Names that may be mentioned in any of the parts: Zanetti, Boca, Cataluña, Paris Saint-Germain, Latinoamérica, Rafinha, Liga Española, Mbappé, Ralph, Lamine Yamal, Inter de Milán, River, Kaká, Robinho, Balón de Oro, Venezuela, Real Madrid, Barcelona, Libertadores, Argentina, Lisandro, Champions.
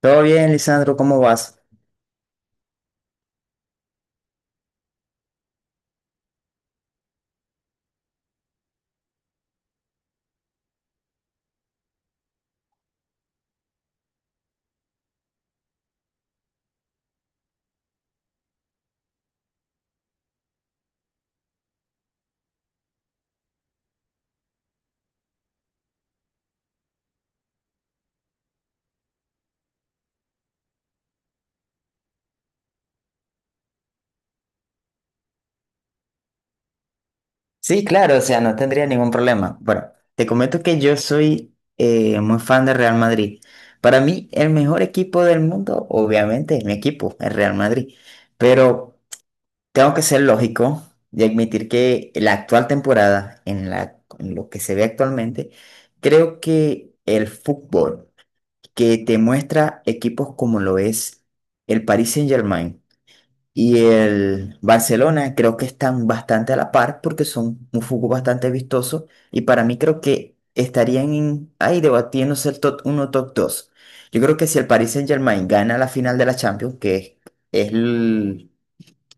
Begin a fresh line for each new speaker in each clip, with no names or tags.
Todo bien, Lisandro, ¿cómo vas? Sí, claro, o sea, no tendría ningún problema. Bueno, te comento que yo soy muy fan del Real Madrid. Para mí, el mejor equipo del mundo, obviamente, es mi equipo, el Real Madrid. Pero tengo que ser lógico y admitir que la actual temporada, en lo que se ve actualmente, creo que el fútbol que te muestra equipos como lo es el Paris Saint-Germain, y el Barcelona creo que están bastante a la par porque son un fútbol bastante vistoso y para mí creo que ahí debatiéndose el top uno top dos. Yo creo que si el Paris Saint-Germain gana la final de la Champions, que es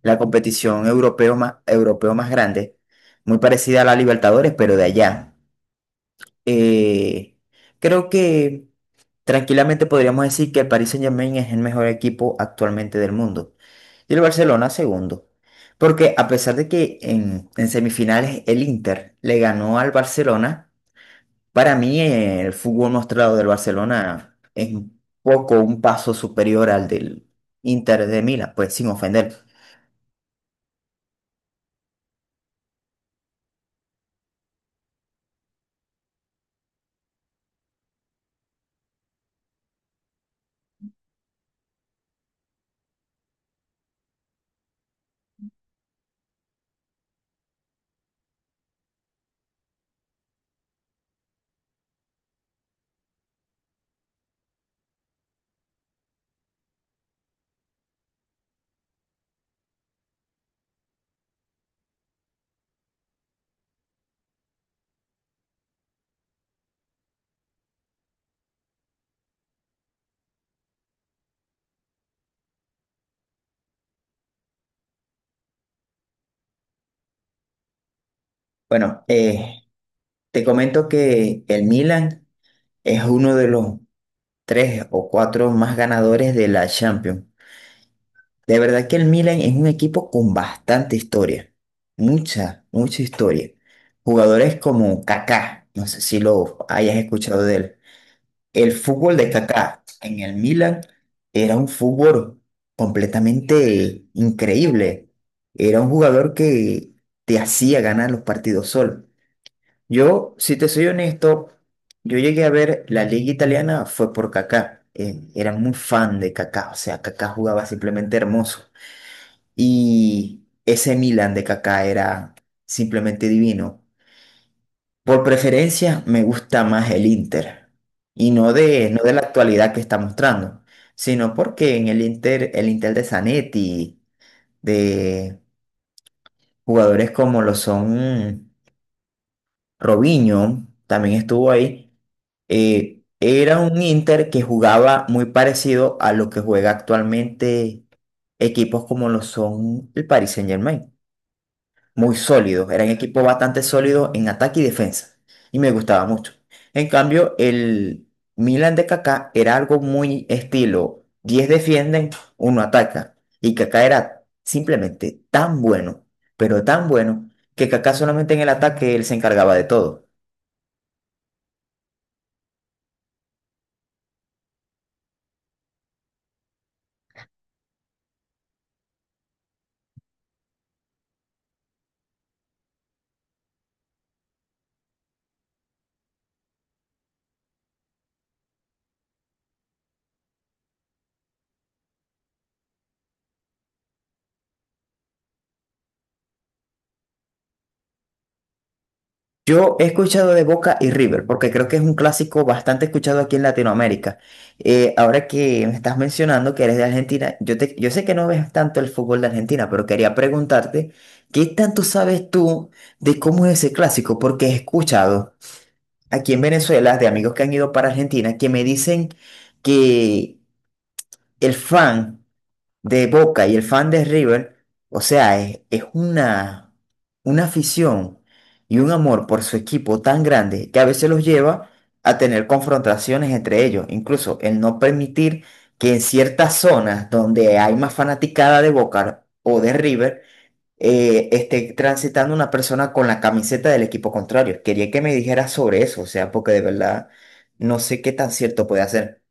la competición europeo más grande, muy parecida a la Libertadores, pero de allá, eh, creo que tranquilamente podríamos decir que el Paris Saint-Germain es el mejor equipo actualmente del mundo. Y el Barcelona segundo. Porque a pesar de que en semifinales el Inter le ganó al Barcelona, para mí el fútbol mostrado del Barcelona es un poco un paso superior al del Inter de Milán, pues sin ofender. Bueno, te comento que el Milan es uno de los tres o cuatro más ganadores de la Champions. De verdad que el Milan es un equipo con bastante historia, mucha historia. Jugadores como Kaká, no sé si lo hayas escuchado de él. El fútbol de Kaká en el Milan era un fútbol completamente increíble. Era un jugador que te hacía ganar los partidos solo. Yo, si te soy honesto, yo llegué a ver la liga italiana fue por Kaká. Era muy fan de Kaká, o sea, Kaká jugaba simplemente hermoso. Y ese Milan de Kaká era simplemente divino. Por preferencia, me gusta más el Inter. Y no de la actualidad que está mostrando, sino porque en el Inter de Zanetti, de jugadores como lo son Robinho, también estuvo ahí, era un Inter que jugaba muy parecido a lo que juega actualmente equipos como lo son el Paris Saint-Germain. Muy sólido, era un equipo bastante sólido en ataque y defensa, y me gustaba mucho. En cambio, el Milan de Kaká era algo muy estilo, 10 defienden, uno ataca, y Kaká era simplemente tan bueno, pero tan bueno, que Kaká solamente en el ataque él se encargaba de todo. Yo he escuchado de Boca y River, porque creo que es un clásico bastante escuchado aquí en Latinoamérica. Ahora que me estás mencionando que eres de Argentina, yo sé que no ves tanto el fútbol de Argentina, pero quería preguntarte, ¿qué tanto sabes tú de cómo es ese clásico? Porque he escuchado aquí en Venezuela de amigos que han ido para Argentina que me dicen que el fan de Boca y el fan de River, o sea, es una afición y un amor por su equipo tan grande que a veces los lleva a tener confrontaciones entre ellos, incluso el no permitir que en ciertas zonas donde hay más fanaticada de Boca o de River, esté transitando una persona con la camiseta del equipo contrario. Quería que me dijeras sobre eso, o sea, porque de verdad no sé qué tan cierto puede hacer.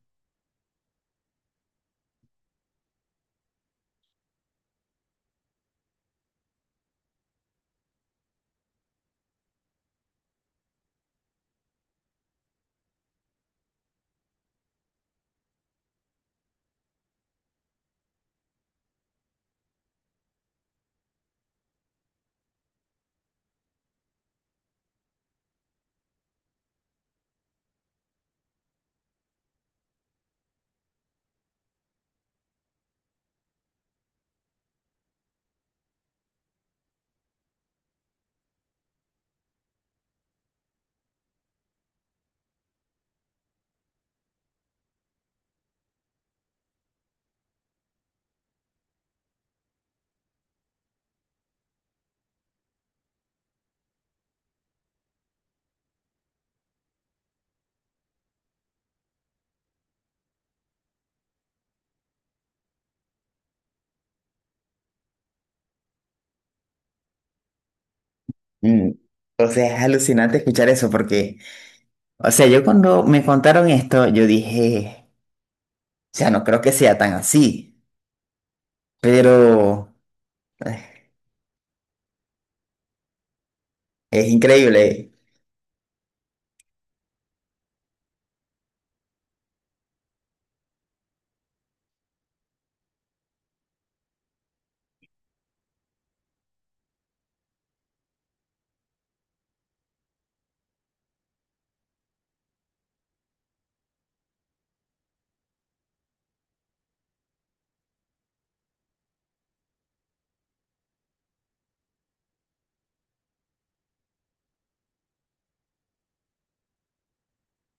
Mm, o sea, es alucinante escuchar eso porque... O sea, yo cuando me contaron esto, yo dije, o sea, no creo que sea tan así, pero eh, es increíble.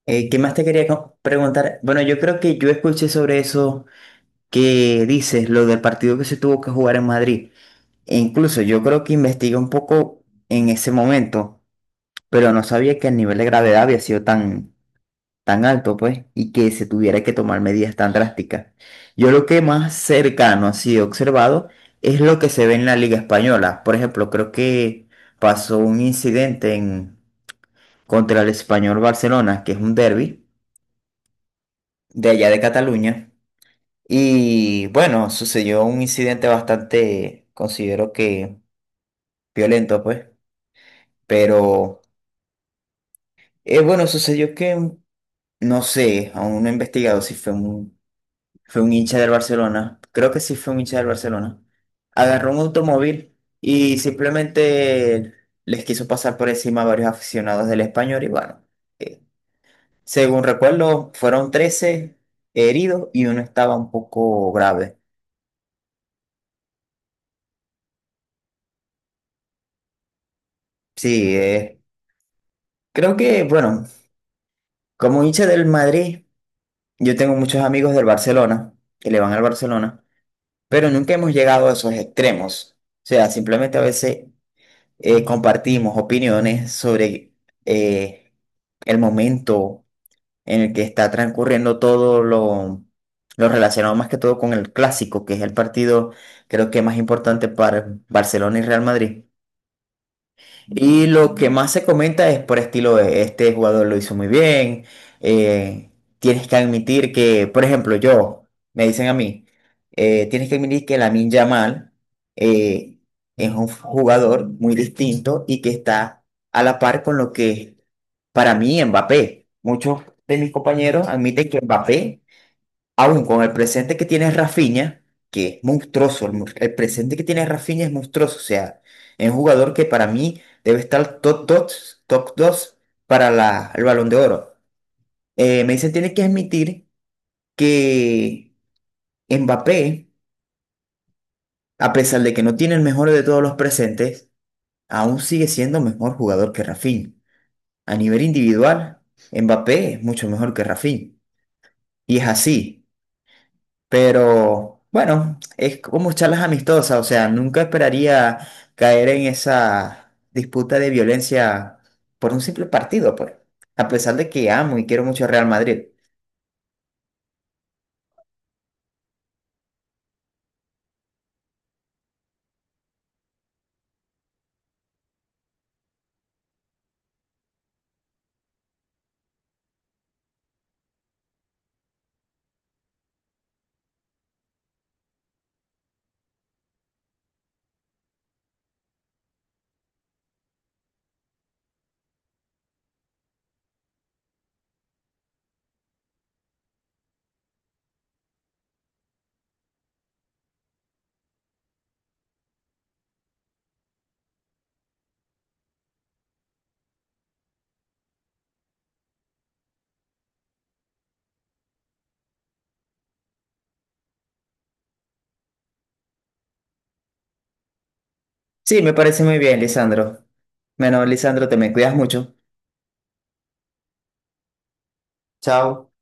¿Qué más te preguntar? Bueno, yo creo que yo escuché sobre eso que dices, lo del partido que se tuvo que jugar en Madrid. E incluso yo creo que investigué un poco en ese momento, pero no sabía que el nivel de gravedad había sido tan... tan alto, pues, y que se tuviera que tomar medidas tan drásticas. Yo lo que más cercano así he observado es lo que se ve en la Liga Española. Por ejemplo, creo que pasó un incidente en, contra el Español Barcelona, que es un derbi de allá de Cataluña. Y bueno, sucedió un incidente bastante, considero que violento, pues, pero bueno, no sé, aún no he investigado si fue un Fue un hincha del Barcelona. Creo que sí fue un hincha del Barcelona. Agarró un automóvil y simplemente les quiso pasar por encima a varios aficionados del Español. Y bueno, eh, según recuerdo, fueron 13 heridos y uno estaba un poco grave. Sí, creo que, bueno, como hincha del Madrid, yo tengo muchos amigos del Barcelona que le van al Barcelona, pero nunca hemos llegado a esos extremos. O sea, simplemente a veces compartimos opiniones sobre eh, el momento en el que está transcurriendo lo relacionado más que todo con el clásico, que es el partido creo que más importante para Barcelona y Real Madrid. Y lo que más se comenta es por estilo de este jugador lo hizo muy bien. Eh, tienes que admitir que, por ejemplo, yo, me dicen a mí, tienes que admitir que Lamine Yamal eh, es un jugador muy distinto y que está a la par con lo que es para mí Mbappé. Muchos de mis compañeros admiten que Mbappé aún con el presente que tiene Rafinha, que es monstruoso, el presente que tiene Rafinha es monstruoso, o sea, es un jugador que para mí debe estar top 2 para el Balón de Oro. Me dicen, tiene que admitir que Mbappé, a pesar de que no tiene el mejor de todos los presentes, aún sigue siendo mejor jugador que Rafinha. A nivel individual, Mbappé es mucho mejor que Rafinha. Y es así. Pero bueno, es como charlas amistosas, o sea, nunca esperaría caer en esa disputa de violencia por un simple partido, pues, a pesar de que amo y quiero mucho a Real Madrid. Sí, me parece muy bien, Lisandro. Bueno, Lisandro, te me cuidas mucho. Chao.